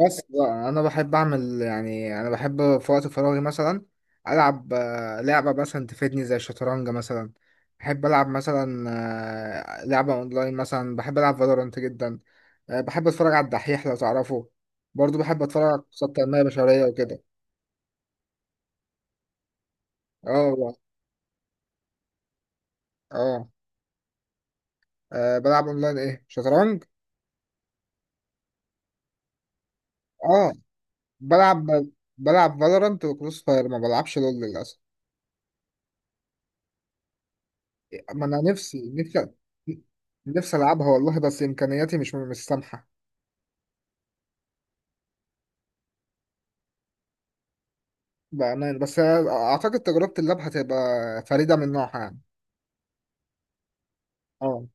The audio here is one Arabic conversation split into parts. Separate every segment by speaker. Speaker 1: بس بقى انا بحب اعمل، يعني انا بحب في وقت فراغي مثلا العب، لعبه مثلا تفيدني زي الشطرنج مثلا. بحب العب مثلا. لعبه اونلاين مثلا، بحب العب فالورانت جدا. بحب اتفرج على الدحيح لو تعرفه. برضو بحب اتفرج على قصص تنميه بشريه وكده. اه والله. اه. بلعب اونلاين، ايه شطرنج. اه. بلعب. بلعب فالورانت وكروس فاير، ما بلعبش لول للاسف. ما انا نفسي، نفسي العبها والله، بس امكانياتي مش سامحه. بامان، بس اعتقد تجربه اللعب هتبقى فريده من نوعها يعني. اه.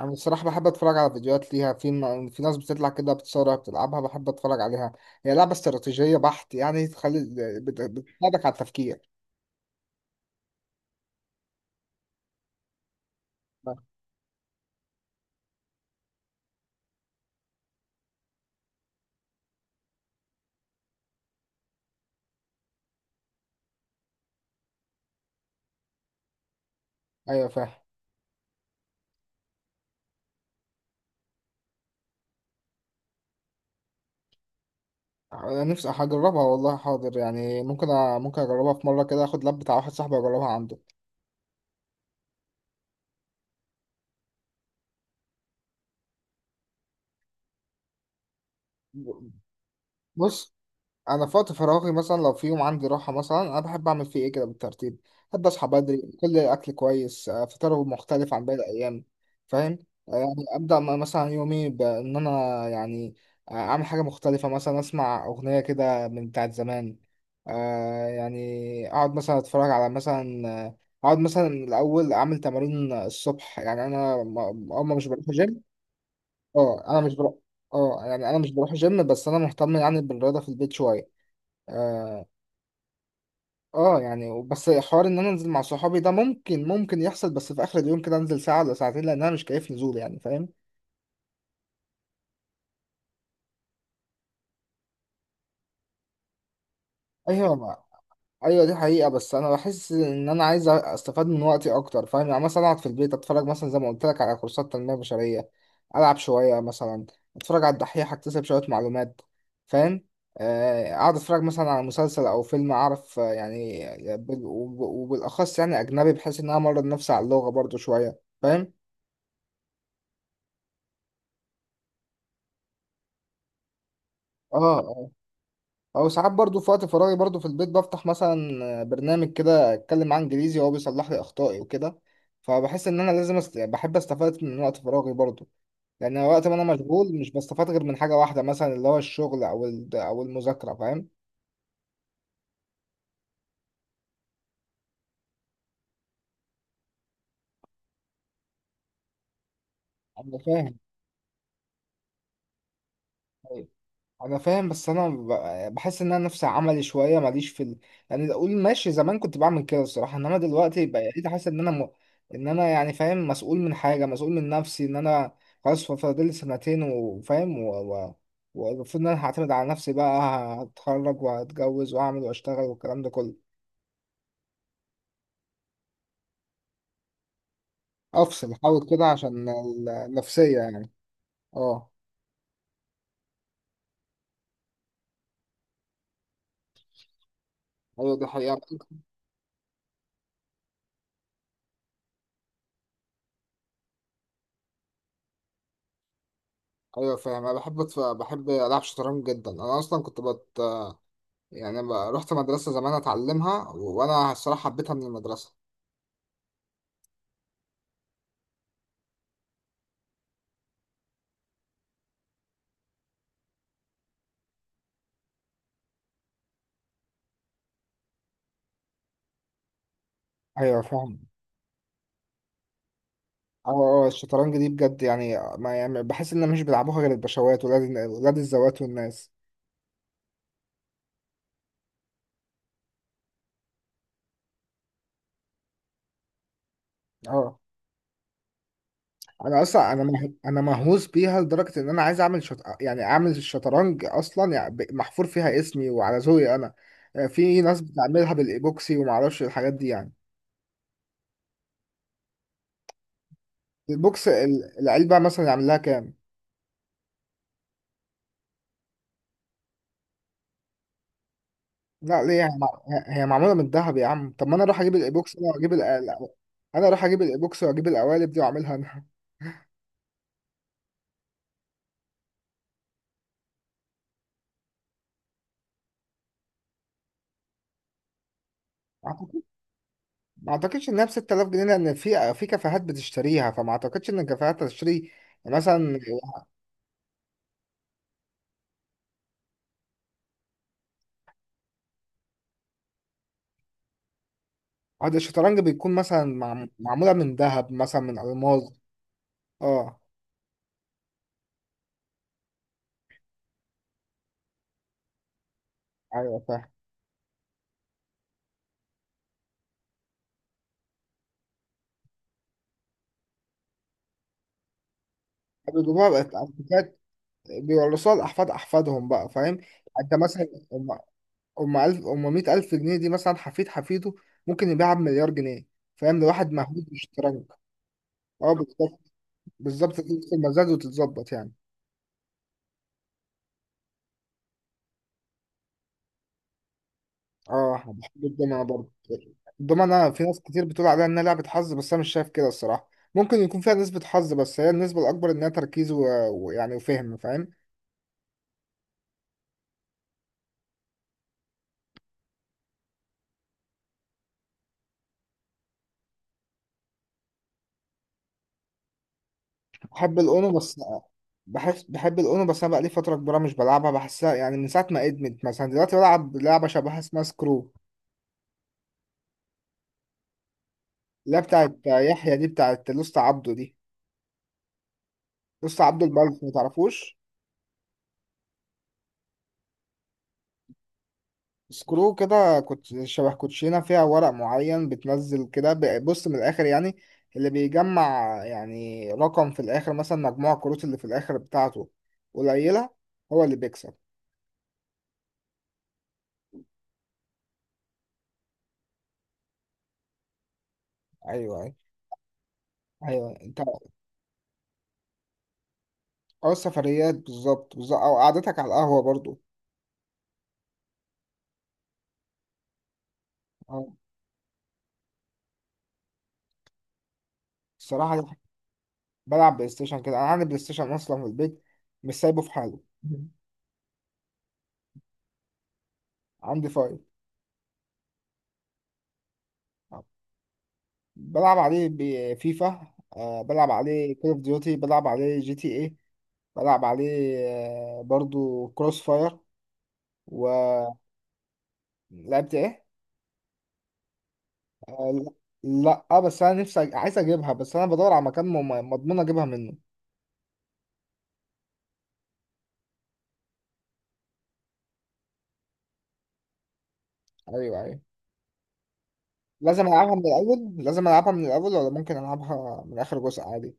Speaker 1: انا الصراحه بحب اتفرج على فيديوهات ليها، في في ناس بتطلع كده بتصورها بتلعبها، بحب اتفرج عليها. هي لعبه استراتيجيه بحت، يعني تخلي، بتساعدك على التفكير. ايوه فاهم. انا نفسي هجربها والله، حاضر يعني ممكن اجربها في مره كده، اخد لاب بتاع واحد صاحبي واجربها عنده. بص انا في وقت فراغي مثلا، لو في يوم عندي راحه مثلا، انا بحب اعمل فيه ايه كده بالترتيب. بحب اصحى بدري، كل الاكل كويس، فطار مختلف عن باقي الايام. فاهم. يعني ابدا مثلا يومي بان انا يعني. اعمل حاجه مختلفه، مثلا اسمع اغنيه كده من بتاعت زمان. يعني اقعد مثلا اتفرج على مثلا، اقعد مثلا الاول اعمل تمارين الصبح، يعني انا اما مش بروح جيم. اه، انا مش بروح. اه، يعني انا مش بروح جيم، بس انا مهتم يعني بالرياضه في البيت شويه. اه. يعني بس حوار ان انا انزل مع صحابي ده، ممكن يحصل، بس في اخر اليوم كده انزل ساعه ولا ساعتين، لان انا مش كيف نزول يعني، فاهم. ايوه ما. ايوه دي حقيقه، بس انا بحس ان انا عايز استفاد من وقتي اكتر، فاهم يعني مثلا اقعد في البيت اتفرج مثلا زي ما قلت لك على كورسات تنميه بشريه، العب شويه مثلا، اتفرج على الدحيح، اكتسب شويه معلومات. فاهم. اقعد اتفرج مثلا على مسلسل او فيلم، اعرف يعني وبالاخص يعني اجنبي، بحيث ان انا امرن نفسي على اللغه برضو شويه، فاهم. اه آه. او ساعات برضو في وقت فراغي، برضو في البيت بفتح مثلا برنامج كده اتكلم معاه انجليزي وهو بيصلح لي اخطائي وكده. فبحس ان انا يعني بحب استفاد من وقت فراغي برضو. لان وقت ما انا مشغول مش بستفاد غير من حاجه واحده، مثلا اللي هو الشغل او او المذاكره، فاهم. انا فاهم. انا فاهم، بس انا بحس ان انا نفسي عملي شويه، ماليش في يعني اقول ماشي زمان كنت بعمل كده الصراحه، انما دلوقتي بقيت حاسس ان ان انا يعني فاهم مسؤول من حاجه، مسؤول من نفسي ان انا خلاص، فاضل سنتين، وفاهم والمفروض ان انا هعتمد على نفسي بقى. هتخرج وهتجوز واعمل واشتغل والكلام ده كله. افصل احاول كده عشان النفسيه يعني. اه. ايوه دي حقيقه. ايوه فاهم. انا بحب بحب العب شطرنج جدا، انا اصلا يعني بقى، رحت مدرسة زمان اتعلمها وانا الصراحة حبيتها من المدرسة. ايوه فاهم. اه. الشطرنج دي بجد يعني، ما يعني بحس ان مش بيلعبوها غير الباشوات ولاد، ولاد الذوات والناس. اه. انا اصلا انا مهووس بيها لدرجه ان انا عايز يعني اعمل الشطرنج اصلا يعني محفور فيها اسمي وعلى ذوقي انا. في ناس بتعملها بالايبوكسي وما اعرفش الحاجات دي يعني. البوكس العلبه مثلا يعمل لها كام؟ لا ليه، هي هي معموله من الذهب يا عم؟ طب ما انا اروح اجيب الايبوكس انا واجيب انا اروح اجيب الايبوكس واجيب القوالب دي واعملها انا. ما اعتقد، ما اعتقدش انها ب 6000 جنيه، لان في كافيهات بتشتريها، فما اعتقدش ان الكافيهات تشتري مثلا. عقد الشطرنج بيكون مثلا معموله من ذهب مثلا، من الماظ. اه. ايوه فاهم. بيجيبوها بقى الكافيهات، بيورثوها لاحفاد احفادهم بقى، فاهم يعني. انت مثلا أم ألف أم مية ألف جنيه دي، مثلا حفيد حفيده ممكن يبيعها بمليار جنيه، فاهم، لواحد مهووس بالشطرنج. اه بالظبط. بالظبط دي نفس المزاج وتتظبط يعني. اه. أنا بحب الدومنة برضه. الدومنة في ناس كتير بتقول عليها إنها لعبة حظ، بس أنا مش شايف كده الصراحة. ممكن يكون فيها نسبة حظ، بس هي النسبة الأكبر إنها تركيز ويعني وفهم، فاهم. بحب الأونو بس. بحس بحب الأونو بس، أنا بقالي فترة كبيرة مش بلعبها، بحسها يعني من ساعة ما ادمت. مثلا دلوقتي بلعب لعبة شبهها اسمها سكرو، اللي هي بتاعت يحيى دي، بتاعت لوست عبده دي. لسه عبده البلف ما تعرفوش. سكرو كده كنت شبه كوتشينه، فيها ورق معين بتنزل كده، بص من الاخر يعني، اللي بيجمع يعني رقم في الاخر، مثلا مجموع الكروت اللي في الاخر بتاعته قليله، هو اللي بيكسب. ايوه، ايوه، ايوه. انت. او السفريات، بالظبط بالظبط، او قعدتك على القهوه برضو. اه. الصراحه دي- بلعب بلاي ستيشن كده، انا عندي بلاي ستيشن اصلا في البيت، مش سايبه في حاله. عندي فايف. بلعب عليه بفيفا، آه بلعب عليه كول اوف ديوتي، بلعب عليه GTA، بلعب عليه برضو كروس فاير. ولعبت. ايه؟ آه. لا اه، بس انا عايز اجيبها، بس انا بدور على مكان مضمون اجيبها منه. ايوه ايوه. لازم العبها من الاول، لازم العبها من الاول، ولا ممكن العبها من اخر جزء عادي؟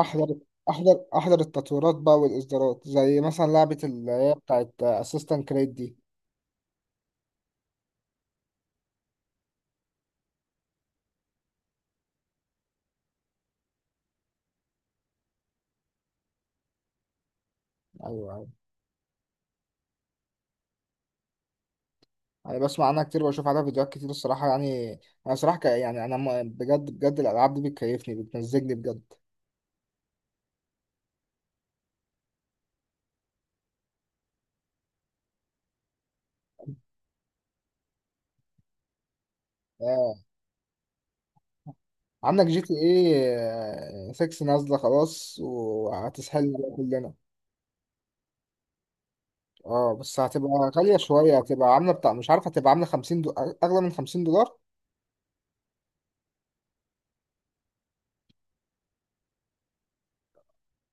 Speaker 1: احضر، احضر احضر التطويرات بقى والاصدارات، زي مثلا لعبة اللي هي بتاعت اسيستنت كريد دي. ايوه أيوة. يعني بسمع عنها كتير، وبشوف عليها فيديوهات كتير الصراحة يعني. أنا صراحة يعني أنا بجد بجد الألعاب دي بتكيفني بتمزجني بجد. آه. عندك GTA 6 نازلة خلاص، وهتسحلنا بقى كلنا. اه بس هتبقى غالية شوية، هتبقى عاملة بتاع مش عارف، هتبقى عاملة 50 أغلى من $50.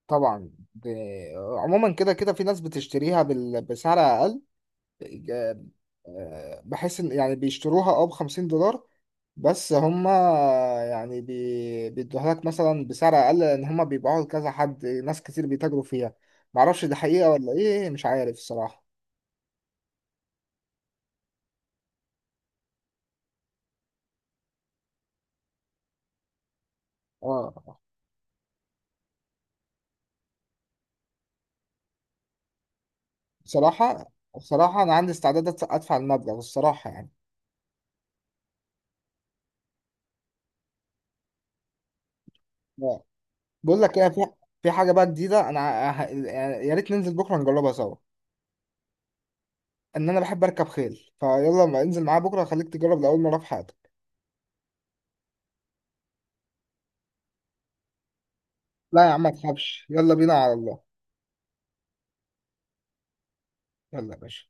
Speaker 1: طبعا عموما كده كده في ناس بتشتريها بسعر أقل. بحيث إن يعني بيشتروها اه ب $50 بس. هما يعني بيدوها لك مثلا بسعر اقل، لان هما بيبيعوها لكذا حد، ناس كتير بيتاجروا فيها. معرفش دي حقيقة ولا ايه، مش عارف الصراحة. اه. بصراحة بصراحة انا عندي استعداد أدفع، أدفع المبلغ الصراحة يعني. آه. بقول لك ايه، في في حاجة بقى جديدة انا، يعني يا ريت ننزل بكرة نجربها سوا. ان انا بحب اركب خيل، فيلا ما انزل معايا بكرة خليك تجرب لأول مرة في حياتك. لا يا عم ما تخافش، يلا بينا على الله. يلا يا باشا.